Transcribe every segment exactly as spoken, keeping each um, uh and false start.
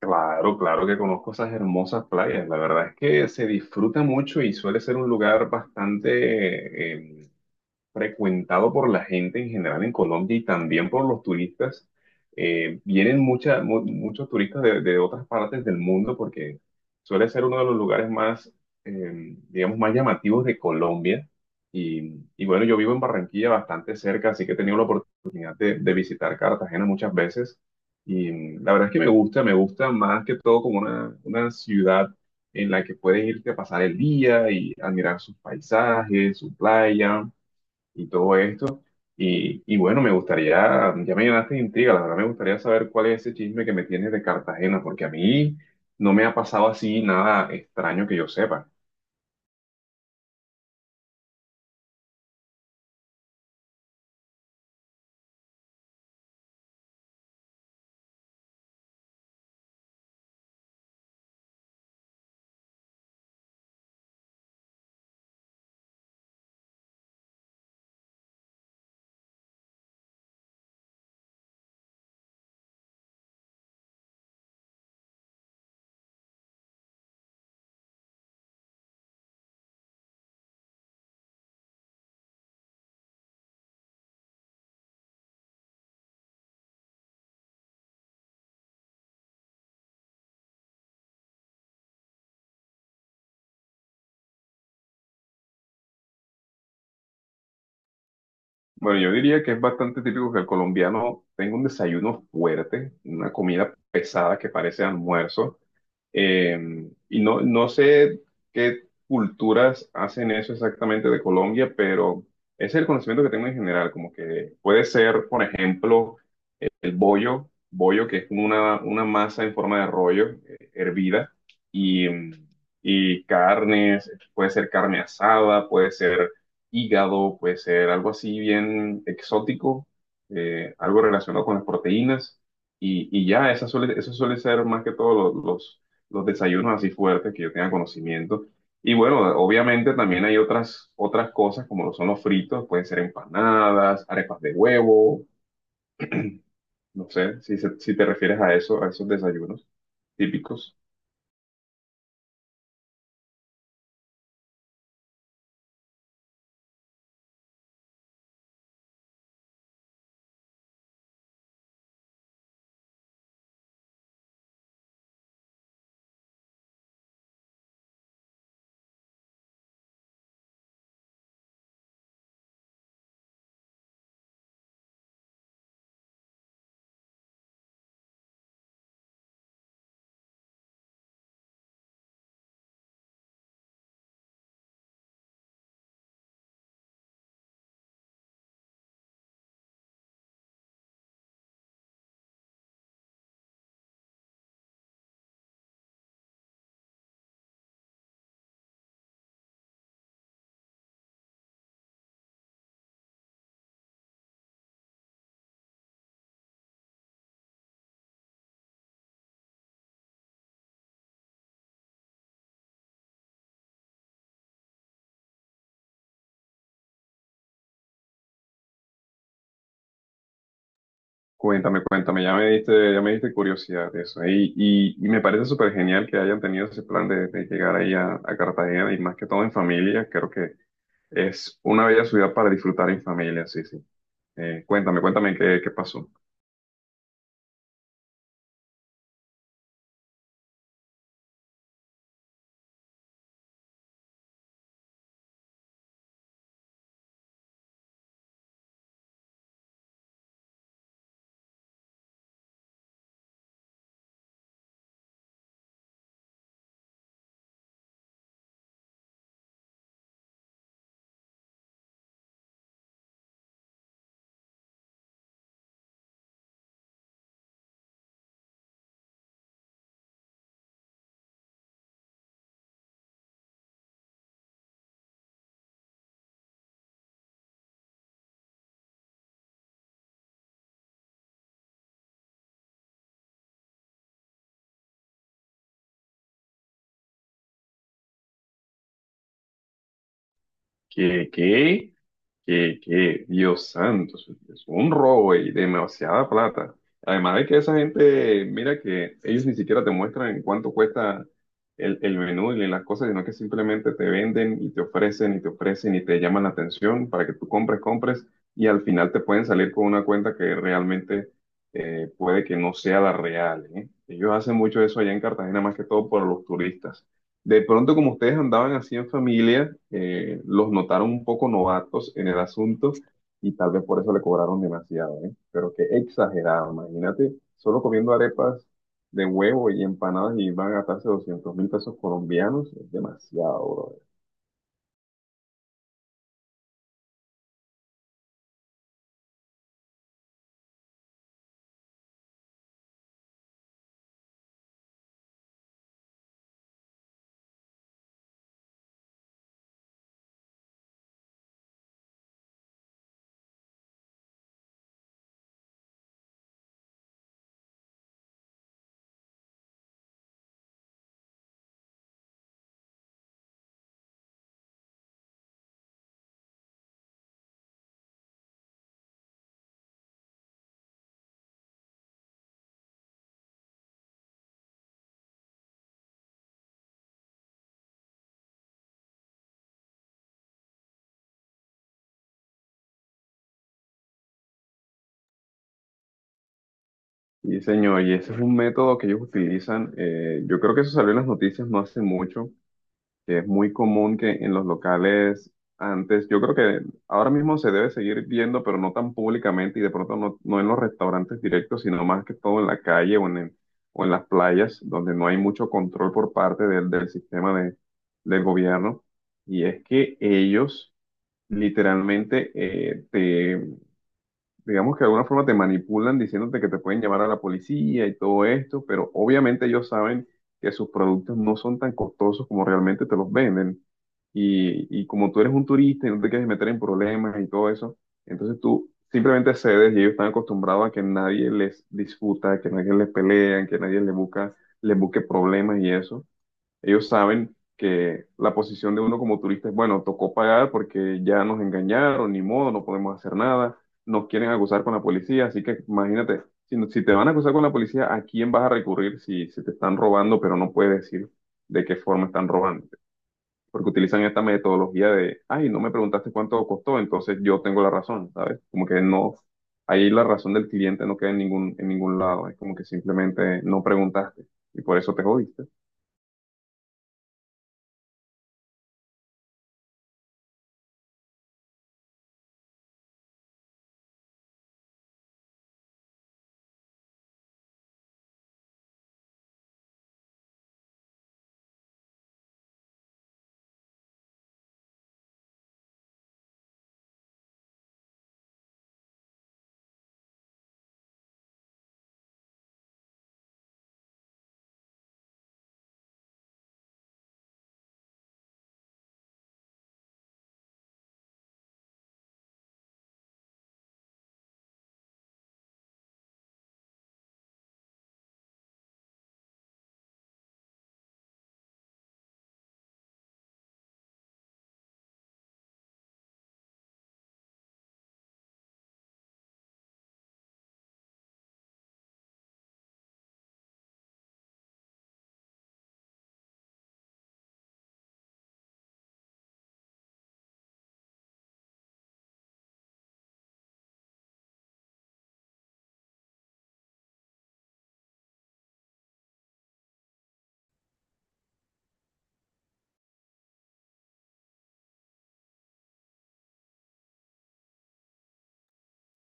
Claro, claro que conozco esas hermosas playas. La verdad es que se disfruta mucho y suele ser un lugar bastante, em, frecuentado por la gente en general en Colombia y también por los turistas. Eh, vienen mucha- mu- muchos turistas de, de otras partes del mundo porque suele ser uno de los lugares más, eh, digamos, más llamativos de Colombia. Y, y bueno, yo vivo en Barranquilla bastante cerca, así que he tenido la oportunidad de, de visitar Cartagena muchas veces. Y mm, la verdad es que me gusta, me gusta más que todo como una, una ciudad en la que puedes irte a pasar el día y admirar sus paisajes, su playa y todo esto. Y, y bueno, me gustaría, ya me llenaste de intriga, la verdad me gustaría saber cuál es ese chisme que me tienes de Cartagena, porque a mí no me ha pasado así nada extraño que yo sepa. Bueno, yo diría que es bastante típico que el colombiano tenga un desayuno fuerte, una comida pesada que parece almuerzo, eh, y no, no sé qué culturas hacen eso exactamente de Colombia, pero ese es el conocimiento que tengo en general, como que puede ser, por ejemplo, el bollo, bollo que es una, una masa en forma de rollo, eh, hervida, y, mm, y carnes, puede ser carne asada, puede ser hígado, puede ser algo así bien exótico, eh, algo relacionado con las proteínas, y, y ya, eso suele, eso suele ser más que todo lo- los, los, desayunos así fuertes que yo tenga conocimiento. Y bueno, obviamente también hay otras, otras cosas como lo son los fritos, pueden ser empanadas, arepas de huevo, no sé si, se- si te refieres a eso, a esos desayunos típicos. Cuéntame, cuéntame, ya me diste, ya me diste curiosidad de eso. Y, y, y me parece súper genial que hayan tenido ese plan de, de llegar ahí a, a Cartagena y más que todo en familia. Creo que es una bella ciudad para disfrutar en familia, sí, sí. Eh, cuéntame, cuéntame qué, qué pasó. ¿Qué, qué? Que, que, Dios santo, eso es un robo y demasiada plata. Además de que esa gente, mira que ellos ni siquiera te muestran en cuánto cuesta el, el menú y las cosas, sino que simplemente te venden y te ofrecen y te ofrecen y te llaman la atención para que tú compres, compres y al final te pueden salir con una cuenta que realmente eh, puede que no sea la real, ¿eh? Ellos hacen mucho eso allá en Cartagena, más que todo por los turistas. De pronto, como ustedes andaban así en familia, eh, los notaron un poco novatos en el asunto y tal vez por eso le cobraron demasiado, ¿eh? Pero qué exagerado, imagínate, solo comiendo arepas de huevo y empanadas y van a gastarse doscientos mil pesos colombianos, es demasiado, bro. Y señor, y ese es un método que ellos utilizan, eh, yo creo que eso salió en las noticias no hace mucho, que es muy común que en los locales antes, yo creo que ahora mismo se debe seguir viendo, pero no tan públicamente y de pronto no, no en los restaurantes directos, sino más que todo en la calle o en, el- o en las playas, donde no hay mucho control por parte del, del sistema de, del gobierno. Y es que ellos literalmente eh, digamos que de alguna forma te manipulan diciéndote que te pueden llamar a la policía y todo esto, pero obviamente ellos saben que sus productos no son tan costosos como realmente te los venden. Y, y como tú eres un turista y no te quieres meter en problemas y todo eso, entonces tú simplemente cedes y ellos están acostumbrados a que nadie les disputa, que nadie les pelea, que nadie les busca, les busque problemas y eso. Ellos saben que la posición de uno como turista es, bueno, tocó pagar porque ya nos engañaron, ni modo, no podemos hacer nada, nos quieren acusar con la policía, así que imagínate, si, no- si te van a acusar con la policía, ¿a quién vas a recurrir si, si te están robando, pero no puedes decir de qué forma están robando? Porque utilizan esta metodología de, ay, no me preguntaste cuánto costó, entonces yo tengo la razón, ¿sabes? Como que no, ahí la razón del cliente no queda en ningún, en ningún lado, es como que simplemente no preguntaste y por eso te jodiste.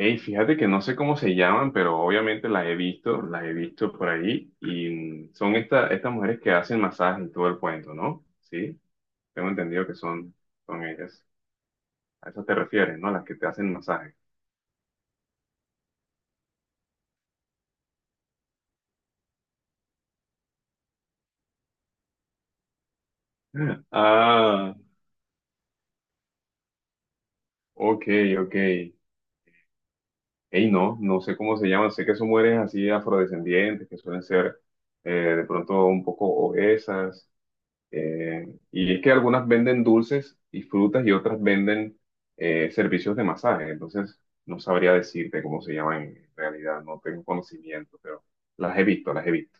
Hey, fíjate que no sé cómo se llaman, pero obviamente las he visto, las he visto por ahí, y son esta- estas mujeres que hacen masaje y todo el cuento, ¿no? Sí, tengo entendido que son, son ellas. A eso te refieres, ¿no? Las que te hacen masaje. Ah, ok, ok. Hey, no, no sé cómo se llaman, sé que son mujeres así afrodescendientes, que suelen ser eh, de pronto un poco obesas, Eh, y es que algunas venden dulces y frutas y otras venden eh, servicios de masaje. Entonces, no sabría decirte cómo se llama en realidad, no tengo conocimiento, pero las he visto, las he visto.